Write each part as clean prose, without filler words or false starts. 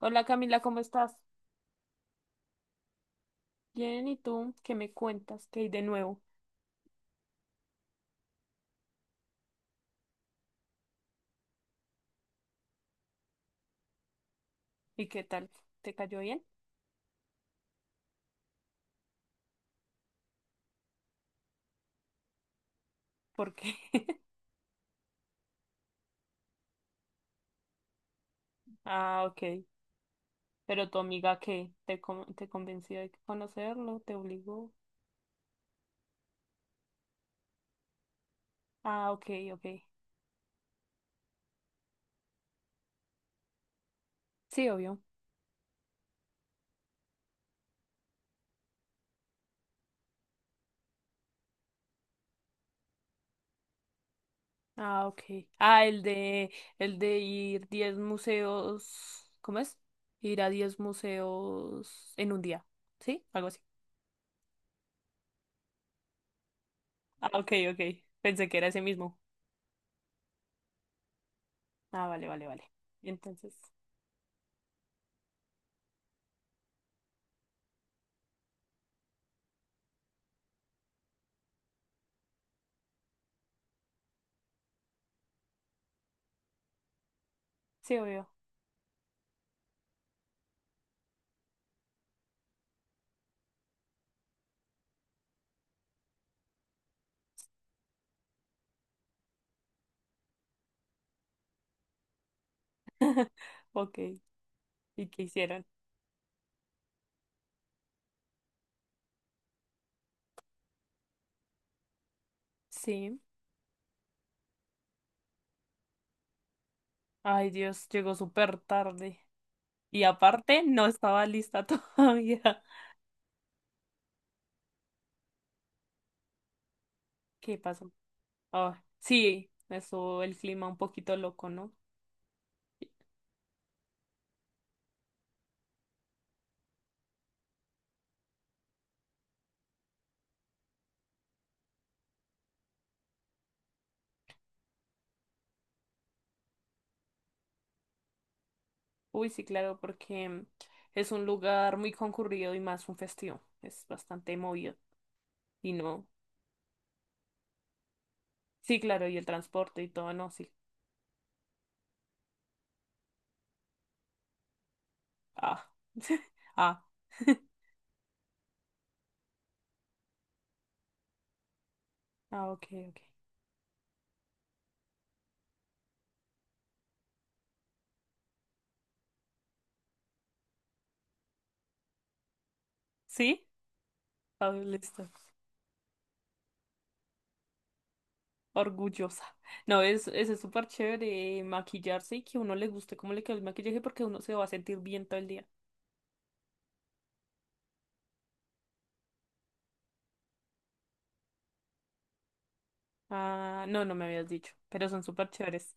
Hola Camila, ¿cómo estás? Bien, ¿y tú? ¿Qué me cuentas? ¿Qué hay de nuevo? ¿Y qué tal? ¿Te cayó bien? ¿Por qué? Ah, ok. Pero tu amiga, ¿qué? ¿Te convenció de conocerlo? ¿Te obligó? Ah, ok, ok. Sí, obvio. Ah, ok. Ah, el de ir 10 museos, ¿cómo es? Ir a 10 museos en un día, ¿sí? Algo así. Ah, ok, ok. Pensé que era ese mismo. Ah, vale, vale, vale. Entonces, sí, obvio. Ok. ¿Y qué hicieron? Sí. Ay, Dios, llegó súper tarde. Y aparte, no estaba lista todavía. ¿Qué pasó? Ah, sí, eso, el clima un poquito loco, ¿no? Uy, sí, claro, porque es un lugar muy concurrido y más un festivo. Es bastante movido. Y no. Sí, claro, y el transporte y todo, no, sí. Ah. Ah. Ah, ok, ok. ¿Sí? Ah, listo. Orgullosa. No, es súper chévere maquillarse y que uno le guste cómo le queda el maquillaje porque uno se va a sentir bien todo el día. Ah, no, no me habías dicho, pero son súper chéveres.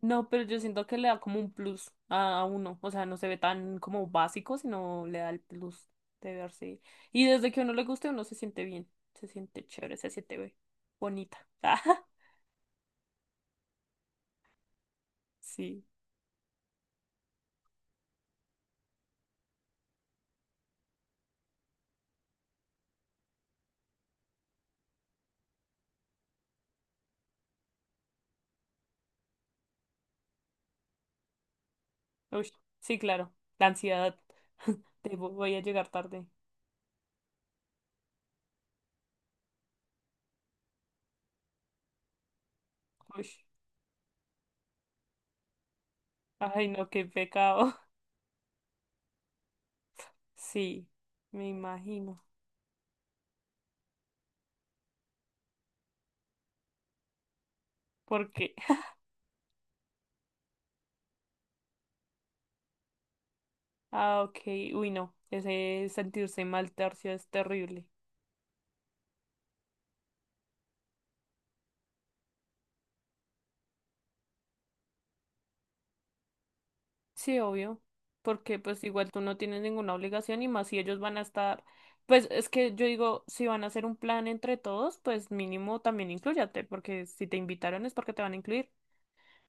No, pero yo siento que le da como un plus a uno. O sea, no se ve tan como básico, sino le da el plus de verse. Y desde que a uno le guste, uno se siente bien, se siente chévere, se siente bonita. Sí, uy, sí, claro, la ansiedad. Te voy a llegar tarde. Uy. Ay, no, qué pecado. Sí, me imagino. Porque, ah, ok, uy, no, ese sentirse mal tercio es terrible. Sí, obvio, porque pues igual tú no tienes ninguna obligación y más si ellos van a estar, pues es que yo digo, si van a hacer un plan entre todos, pues mínimo también inclúyate, porque si te invitaron es porque te van a incluir.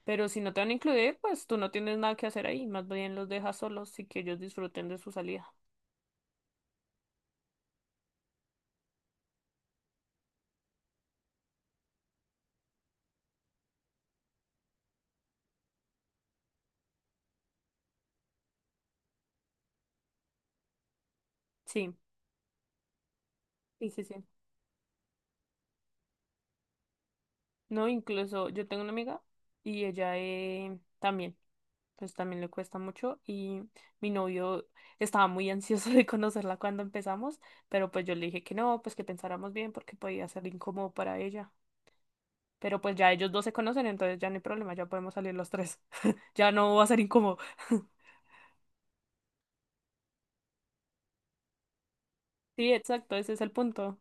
Pero si no te van a incluir, pues tú no tienes nada que hacer ahí, más bien los dejas solos y que ellos disfruten de su salida. Sí, sí, sí, sí. No, incluso yo tengo una amiga y ella también, pues también le cuesta mucho y mi novio estaba muy ansioso de conocerla cuando empezamos, pero pues yo le dije que no, pues que pensáramos bien porque podía ser incómodo para ella. Pero pues ya ellos dos se conocen, entonces ya no hay problema, ya podemos salir los tres. Ya no va a ser incómodo. Sí, exacto, ese es el punto.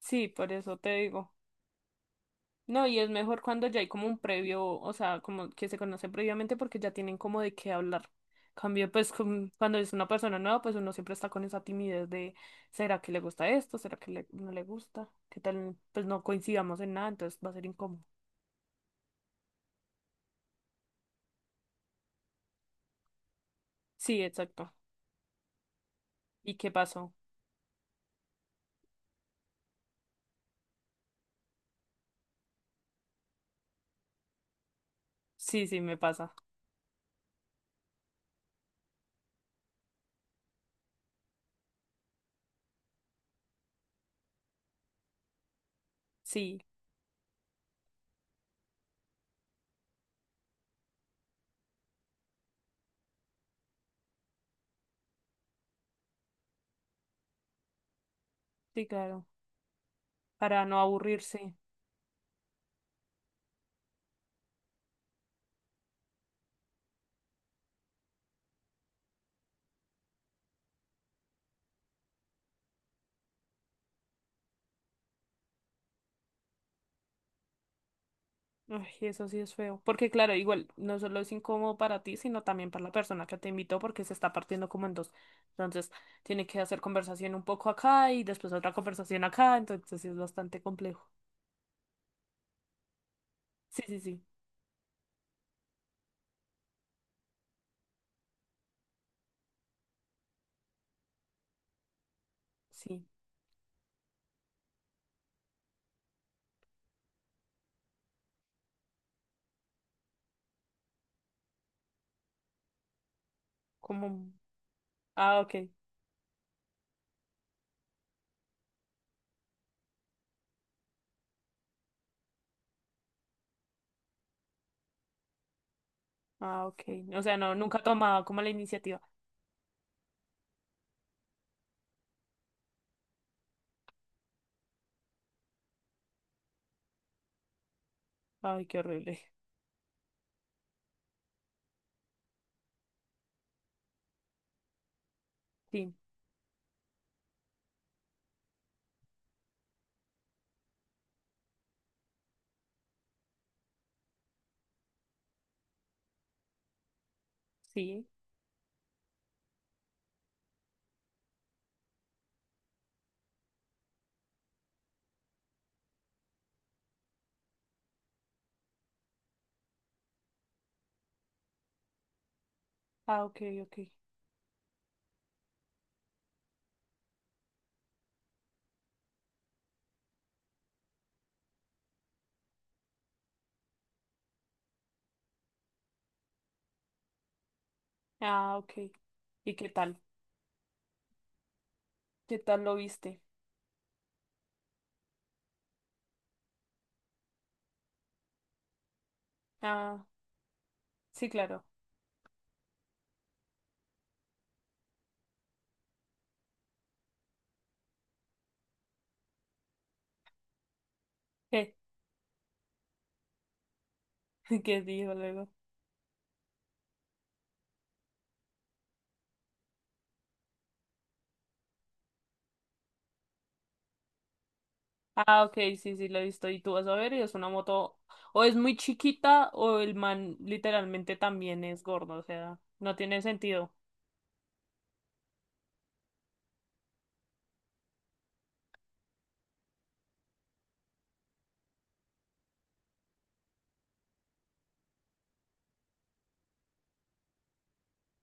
Sí, por eso te digo. No, y es mejor cuando ya hay como un previo, o sea, como que se conoce previamente porque ya tienen como de qué hablar. Cambio, pues cuando es una persona nueva, pues uno siempre está con esa timidez de, ¿será que le gusta esto? ¿Será que no le gusta? ¿Qué tal? Pues no coincidamos en nada, entonces va a ser incómodo. Sí, exacto. ¿Y qué pasó? Sí, sí, me pasa. Sí, sí, claro. Para no aburrirse. Ay, eso sí es feo. Porque claro, igual no solo es incómodo para ti, sino también para la persona que te invitó porque se está partiendo como en dos. Entonces, tiene que hacer conversación un poco acá y después otra conversación acá. Entonces, sí es bastante complejo. Sí, sí, sí. Sí. Como... Ah, ok. Ah, ok. O sea, no, nunca tomaba como la iniciativa. Ay, qué horrible. Sí, sí. Ah, ok, ok. Ah, ok. ¿Y qué tal? ¿Qué tal lo viste? Ah, sí, claro. ¿Qué? ¿Qué dijo luego? Ah, ok, sí, sí, la he visto. Y tú vas a ver, y es una moto, o es muy chiquita, o el man literalmente también es gordo, o sea, no tiene sentido.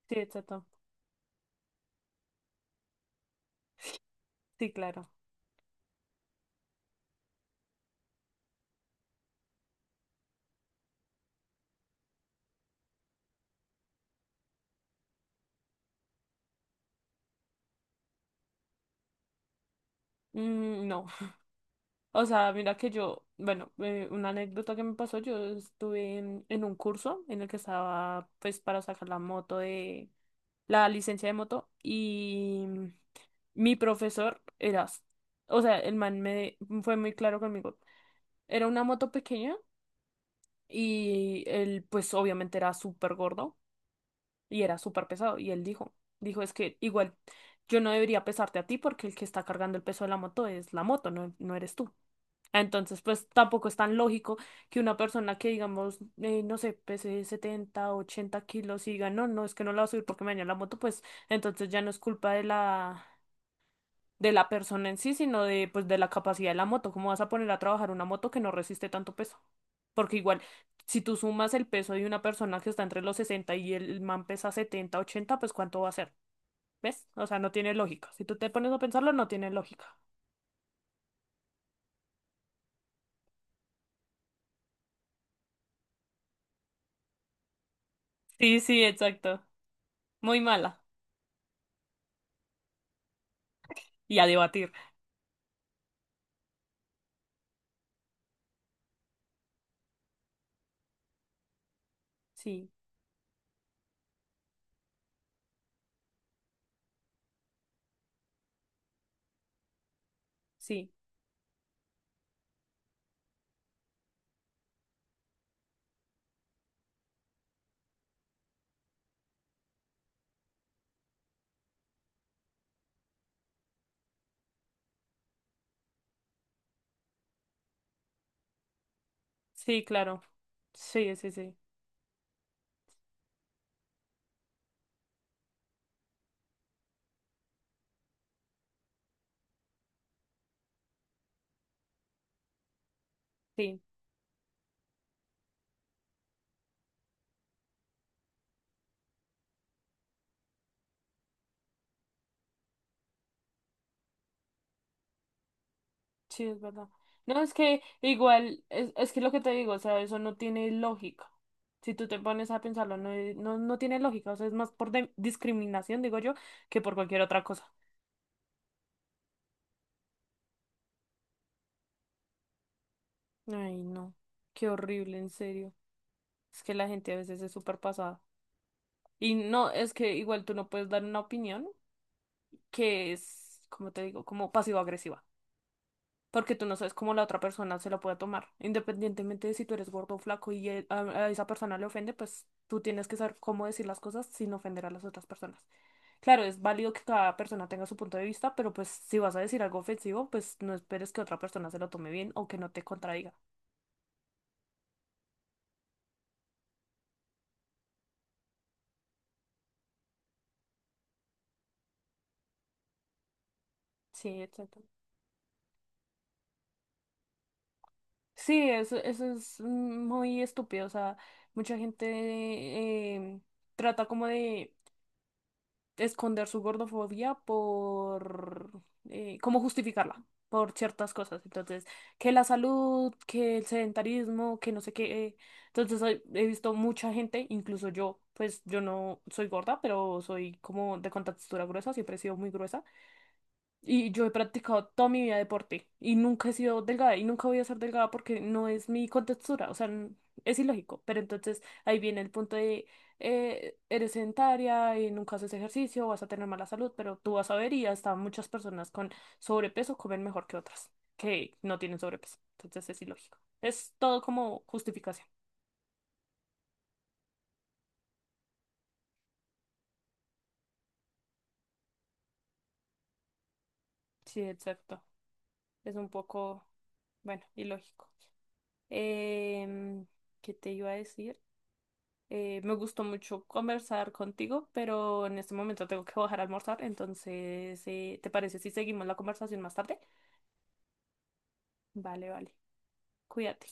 Sí, exacto. Sí, claro. Mm, no. O sea, mira que yo, bueno, una anécdota que me pasó, yo estuve en un curso en el que estaba, pues, para sacar la moto de, la licencia de moto, y mi profesor era, o sea, el man me fue muy claro conmigo. Era una moto pequeña. Y él, pues obviamente era súper gordo y era súper pesado. Y él dijo, dijo, es que igual yo no debería pesarte a ti porque el que está cargando el peso de la moto es la moto, no, no eres tú. Entonces, pues tampoco es tan lógico que una persona que, digamos, no sé, pese 70 u 80 kilos y diga, no, no, es que no la voy a subir porque me dañó la moto, pues entonces ya no es culpa de la persona en sí, sino de, pues, de la capacidad de la moto. ¿Cómo vas a poner a trabajar una moto que no resiste tanto peso? Porque igual, si tú sumas el peso de una persona que está entre los 60 y el man pesa 70, 80, pues ¿cuánto va a ser? ¿Ves? O sea, no tiene lógica. Si tú te pones a pensarlo, no tiene lógica. Sí, sí, exacto. Muy mala. Y a debatir. Sí, sí, sí, claro. Sí, sí, sí. Sí. Sí, es verdad. No, es que igual, es que lo que te digo, o sea, eso no tiene lógica. Si tú te pones a pensarlo, no, no, no tiene lógica. O sea, es más por discriminación, digo yo, que por cualquier otra cosa. Ay, no. Qué horrible, en serio. Es que la gente a veces es súper pasada. Y no, es que igual tú no puedes dar una opinión que es, como te digo, como pasivo-agresiva. Porque tú no sabes cómo la otra persona se lo puede tomar. Independientemente de si tú eres gordo o flaco y a esa persona le ofende, pues tú tienes que saber cómo decir las cosas sin ofender a las otras personas. Claro, es válido que cada persona tenga su punto de vista, pero pues si vas a decir algo ofensivo, pues no esperes que otra persona se lo tome bien o que no te contradiga. Sí, exacto. Sí, eso es muy estúpido. O sea, mucha gente em, trata como de esconder su gordofobia por cómo justificarla por ciertas cosas. Entonces, que la salud, que el sedentarismo, que no sé qué. Entonces, he visto mucha gente, incluso yo, pues yo no soy gorda, pero soy como de contextura gruesa, siempre he sido muy gruesa. Y yo he practicado toda mi vida deporte y nunca he sido delgada y nunca voy a ser delgada porque no es mi contextura, o sea, es ilógico. Pero entonces ahí viene el punto de, eres sedentaria y nunca haces ejercicio, vas a tener mala salud, pero tú vas a ver y hasta muchas personas con sobrepeso comen mejor que otras que no tienen sobrepeso. Entonces es ilógico. Es todo como justificación. Sí, exacto. Es un poco, bueno, ilógico. Em, ¿qué te iba a decir? Me gustó mucho conversar contigo, pero en este momento tengo que bajar a almorzar, entonces, ¿te parece si seguimos la conversación más tarde? Vale, vale. Cuídate.